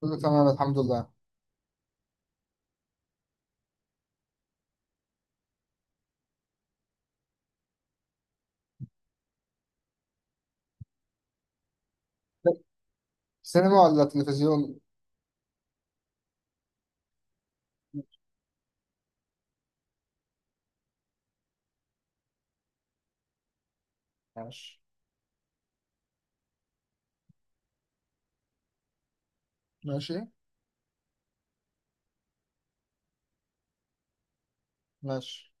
كله تمام الحمد لله. سينما ولا تلفزيون؟ ماشي. ماشي. ماشي.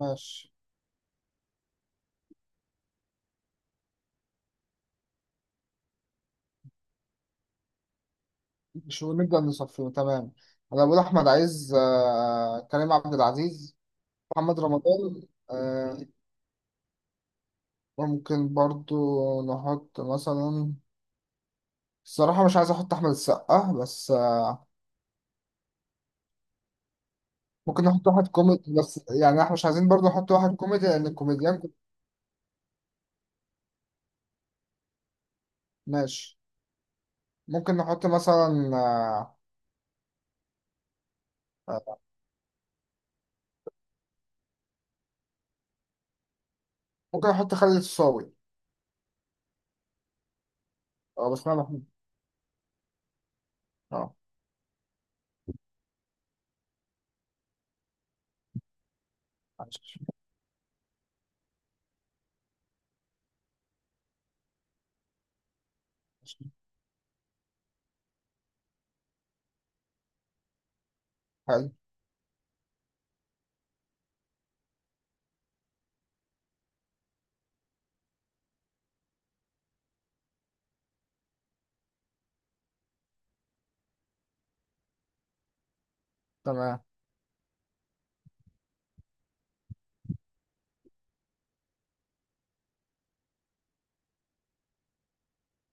ماشي. شو نبدأ نصفي، تمام. أنا بقول أحمد عايز، كريم عبد العزيز، محمد رمضان، آه، ممكن برضو نحط مثلا الصراحة مش عايز أحط أحمد السقا بس، ممكن نحط واحد كوميدي، بس يعني إحنا مش عايزين برضو نحط واحد كوميدي لأن الكوميديان ماشي. ممكن نحط مثلا، آه، ممكن نحط خالد الصاوي. أه بس أنا بحب. أه. حلو، تمام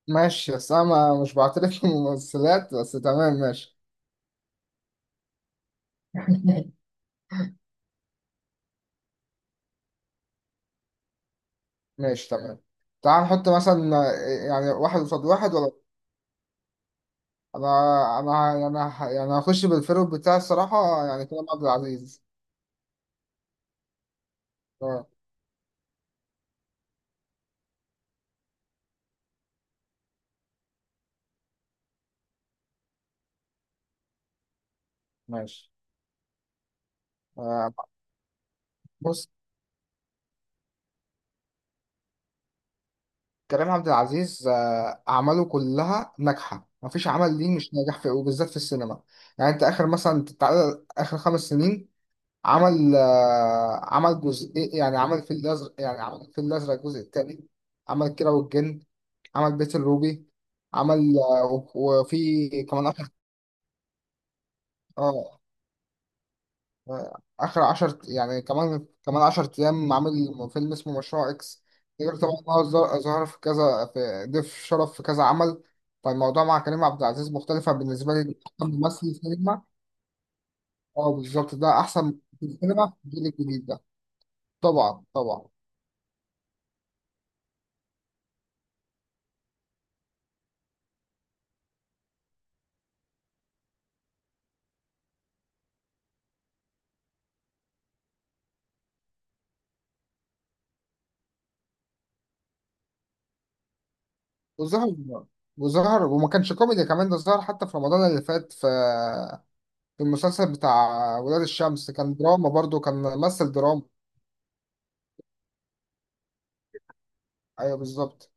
ماشي. بس انا مش بعترف بالممثلات بس تمام ماشي. ماشي تمام. تعال نحط مثلا، يعني واحد قصاد واحد ولا، انا انا يعني هخش بالفيرو بتاعي الصراحة، يعني كريم عبد العزيز. اه ماشي. آه، بص كريم عبد العزيز، أعماله كلها ناجحة، مفيش عمل ليه مش ناجح في، وبالذات في السينما. يعني أنت آخر مثلا، تعال آخر خمس سنين عمل، عمل جزء، يعني عمل في الازرق، يعني عمل في الازرق الجزء الثاني، عمل كيرة والجن، عمل بيت الروبي، عمل وفي كمان اخر. اه، اخر عشر، يعني كمان كمان عشر ايام عامل فيلم اسمه مشروع اكس. غير طبعا إن هو ظهر في كذا، في ضيف شرف في كذا عمل. فالموضوع مع كريم عبد العزيز مختلفة بالنسبة لي، أحسن ممثل في السينما. اه بالظبط، ده أحسن في السينما في الجيل الجديد ده. طبعا طبعا. وظهر وظهر وما كانش كوميدي كمان، ده ظهر حتى في رمضان اللي فات في، في المسلسل بتاع ولاد الشمس، كان دراما برضو، كان ممثل دراما. ايوه بالظبط.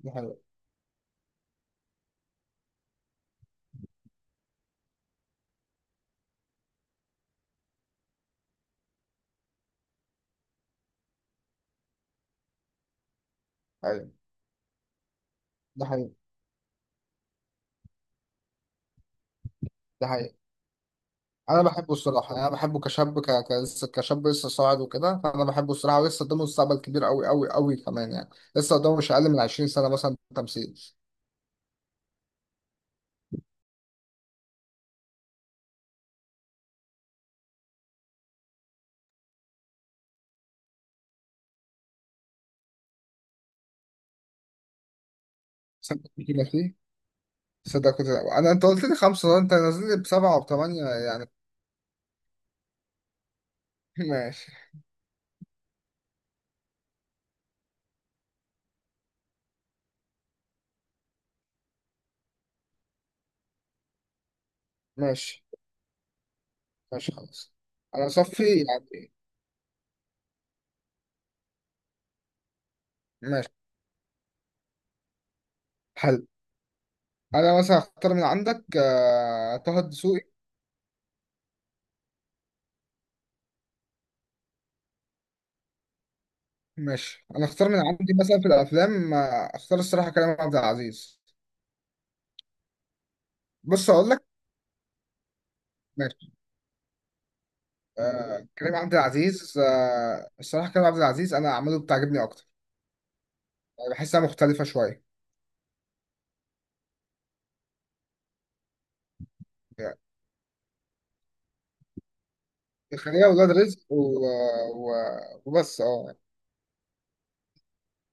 دي حقيقة. ايوه. ده حقيقي. ده حقيقي، انا بحبه الصراحه، انا بحبه كشاب، كشاب لسه صاعد وكده، فانا بحبه الصراحه، ولسه قدامه مستقبل كبير قوي قوي قوي كمان يعني. لسه قدامه مش اقل من 20 سنه مثلا تمثيل. صدق كده فيه. صدق كده، انا انت قلت لي خمسه، انت نازل لي بسبعه وبثمانيه يعني. ماشي. ماشي ماشي خلاص. انا صفي يعني. ماشي. حلو. انا مثلا اختار من عندك، طه الدسوقي. ماشي. انا اختار من عندي مثلا في الافلام، اختار الصراحه كريم عبد العزيز. بص اقول لك. ماشي. كريم عبد العزيز، الصراحه كريم عبد العزيز انا اعماله بتعجبني اكتر. يعني بحسها مختلفه شويه، يعني خليها ولاد رزق و... وبس اه.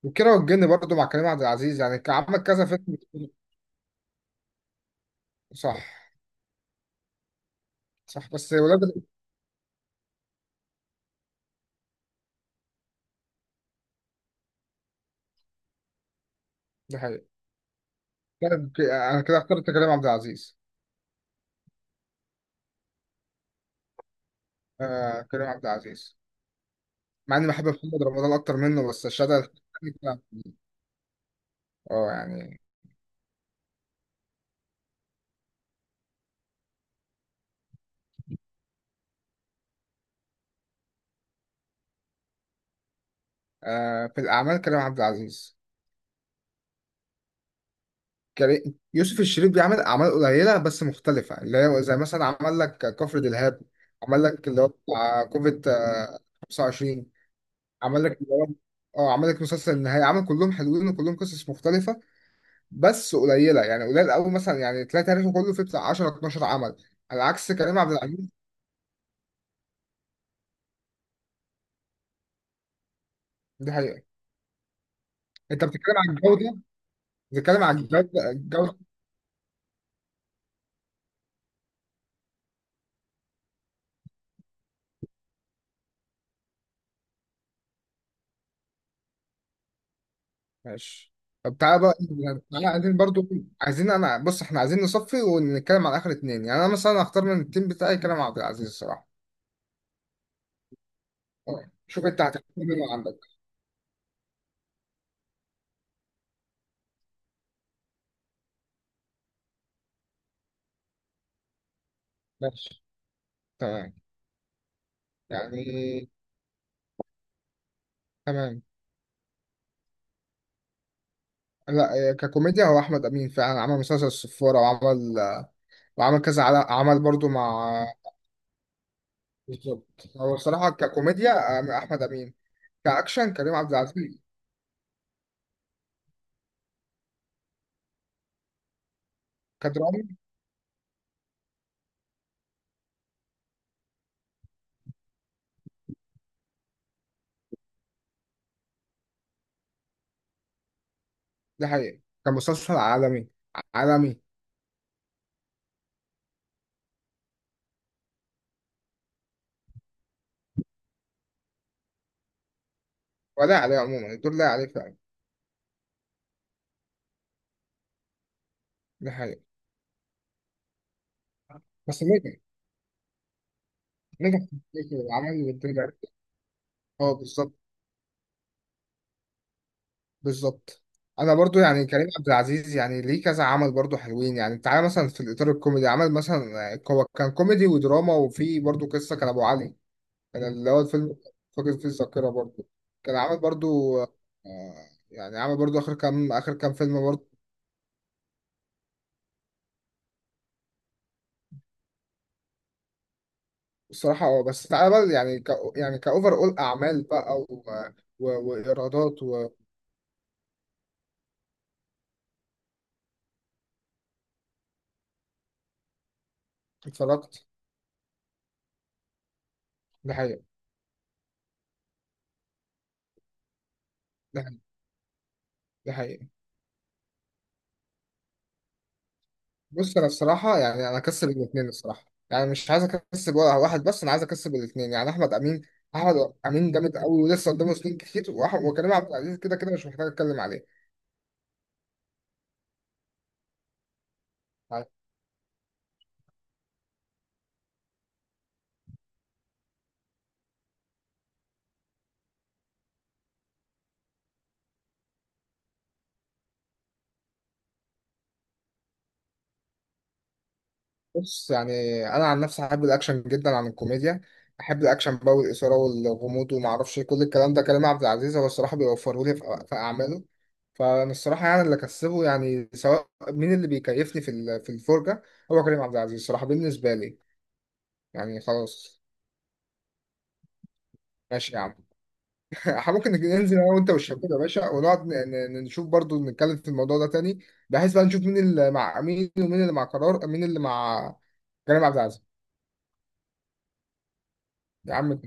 وكيرة والجن برضه مع كريم عبد العزيز، يعني كان عمل كذا فيلم. صح. صح بس ولاد رزق. ده حقيقي. طيب، انا كده اخترت كريم عبد العزيز. آه كريم عبد العزيز، مع اني بحب محمد رمضان اكتر منه، بس الشهاده. اه يعني. آه في الاعمال كريم عبد العزيز. كريم، يوسف الشريف بيعمل اعمال قليله بس مختلفه، اللي هي زي مثلا عمل لك كفر دلهاب، عمل لك اللي هو بتاع كوفيد 25، عمل لك اللي هو اه، عمل لك مسلسل النهايه، عمل كلهم حلوين وكلهم قصص مختلفه، بس قليله، يعني قليل قوي مثلا، يعني تلاقي تاريخه كله فيه بتاع 10 12 عمل، على عكس كريم عبد العزيز. دي حقيقة. انت بتتكلم عن الجودة. بتتكلم عن الجودة. ماشي. طب تعالى بقى، تعالى عايزين برضو، عايزين انا بص، احنا عايزين نصفي ونتكلم عن اخر اتنين، يعني انا مثلا هختار من التيم بتاعي كلام عبد العزيز الصراحة. اه. شوف انت هتختار مين اللي عندك. ماشي. تمام. يعني تمام. لا ككوميديا هو احمد امين فعلا، عمل مسلسل الصفارة، وعمل، وعمل كذا عمل برضو مع. بالظبط، هو الصراحة ككوميديا اه، احمد امين. كاكشن كريم عبد العزيز. كدراما. ده حقيقي، كان مسلسل عالمي. عالمي. ولا عليه عموما الدور، لا عليه فعلا. ده حقيقي. بس نجح. نجح في الفكرة، العمل والدنيا. اه بالظبط. بالظبط. انا برضو يعني كريم عبد العزيز يعني ليه كذا عمل برضو حلوين، يعني تعالى مثلا في الاطار الكوميدي، عمل مثلا هو كان كوميدي ودراما، وفي برضو قصه كان ابو علي، كان اللي هو الفيلم فاقد فيه الذاكره برضو، كان عمل برضو يعني عمل برضو اخر كام فيلم. الصراحة اه، بس تعالى بقى، يعني كأوفر أول أعمال بقى وإيرادات. واتفرجت. ده حقيقة. ده حقيقة. ده حقيقة. بص أنا الصراحة يعني أنا أكسب الاتنين الصراحة، يعني مش عايز أكسب ولا واحد، بس أنا عايز أكسب الاتنين، يعني أحمد أمين. أحمد أمين جامد أوي، ولسه قدامه سنين كتير، وكريم عبد العزيز كده كده مش محتاج أتكلم عليه. يعني بص، يعني انا عن نفسي احب الاكشن جدا عن الكوميديا، احب الاكشن بقى والاثاره والغموض وما اعرفش إيه، كل الكلام ده كريم عبد العزيز هو الصراحه بيوفره لي في، في اعماله. فانا الصراحه يعني اللي كسبه، يعني سواء مين اللي بيكيفني في في الفرجه، هو كريم عبد العزيز الصراحه بالنسبه لي، يعني خلاص. ماشي يا عم. إحنا ممكن ننزل انا وانت والشباب يا باشا، ونقعد نشوف، برضو نتكلم في الموضوع ده تاني، بحيث بقى نشوف مين اللي مع مين، ومين اللي مع قرار، مين اللي مع كريم عبد العزيز، يا عم.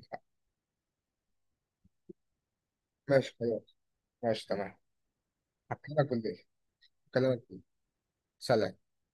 ماشي خلاص. ماشي تمام. هكلمك بالليل. هكلمك بالليل. سلام.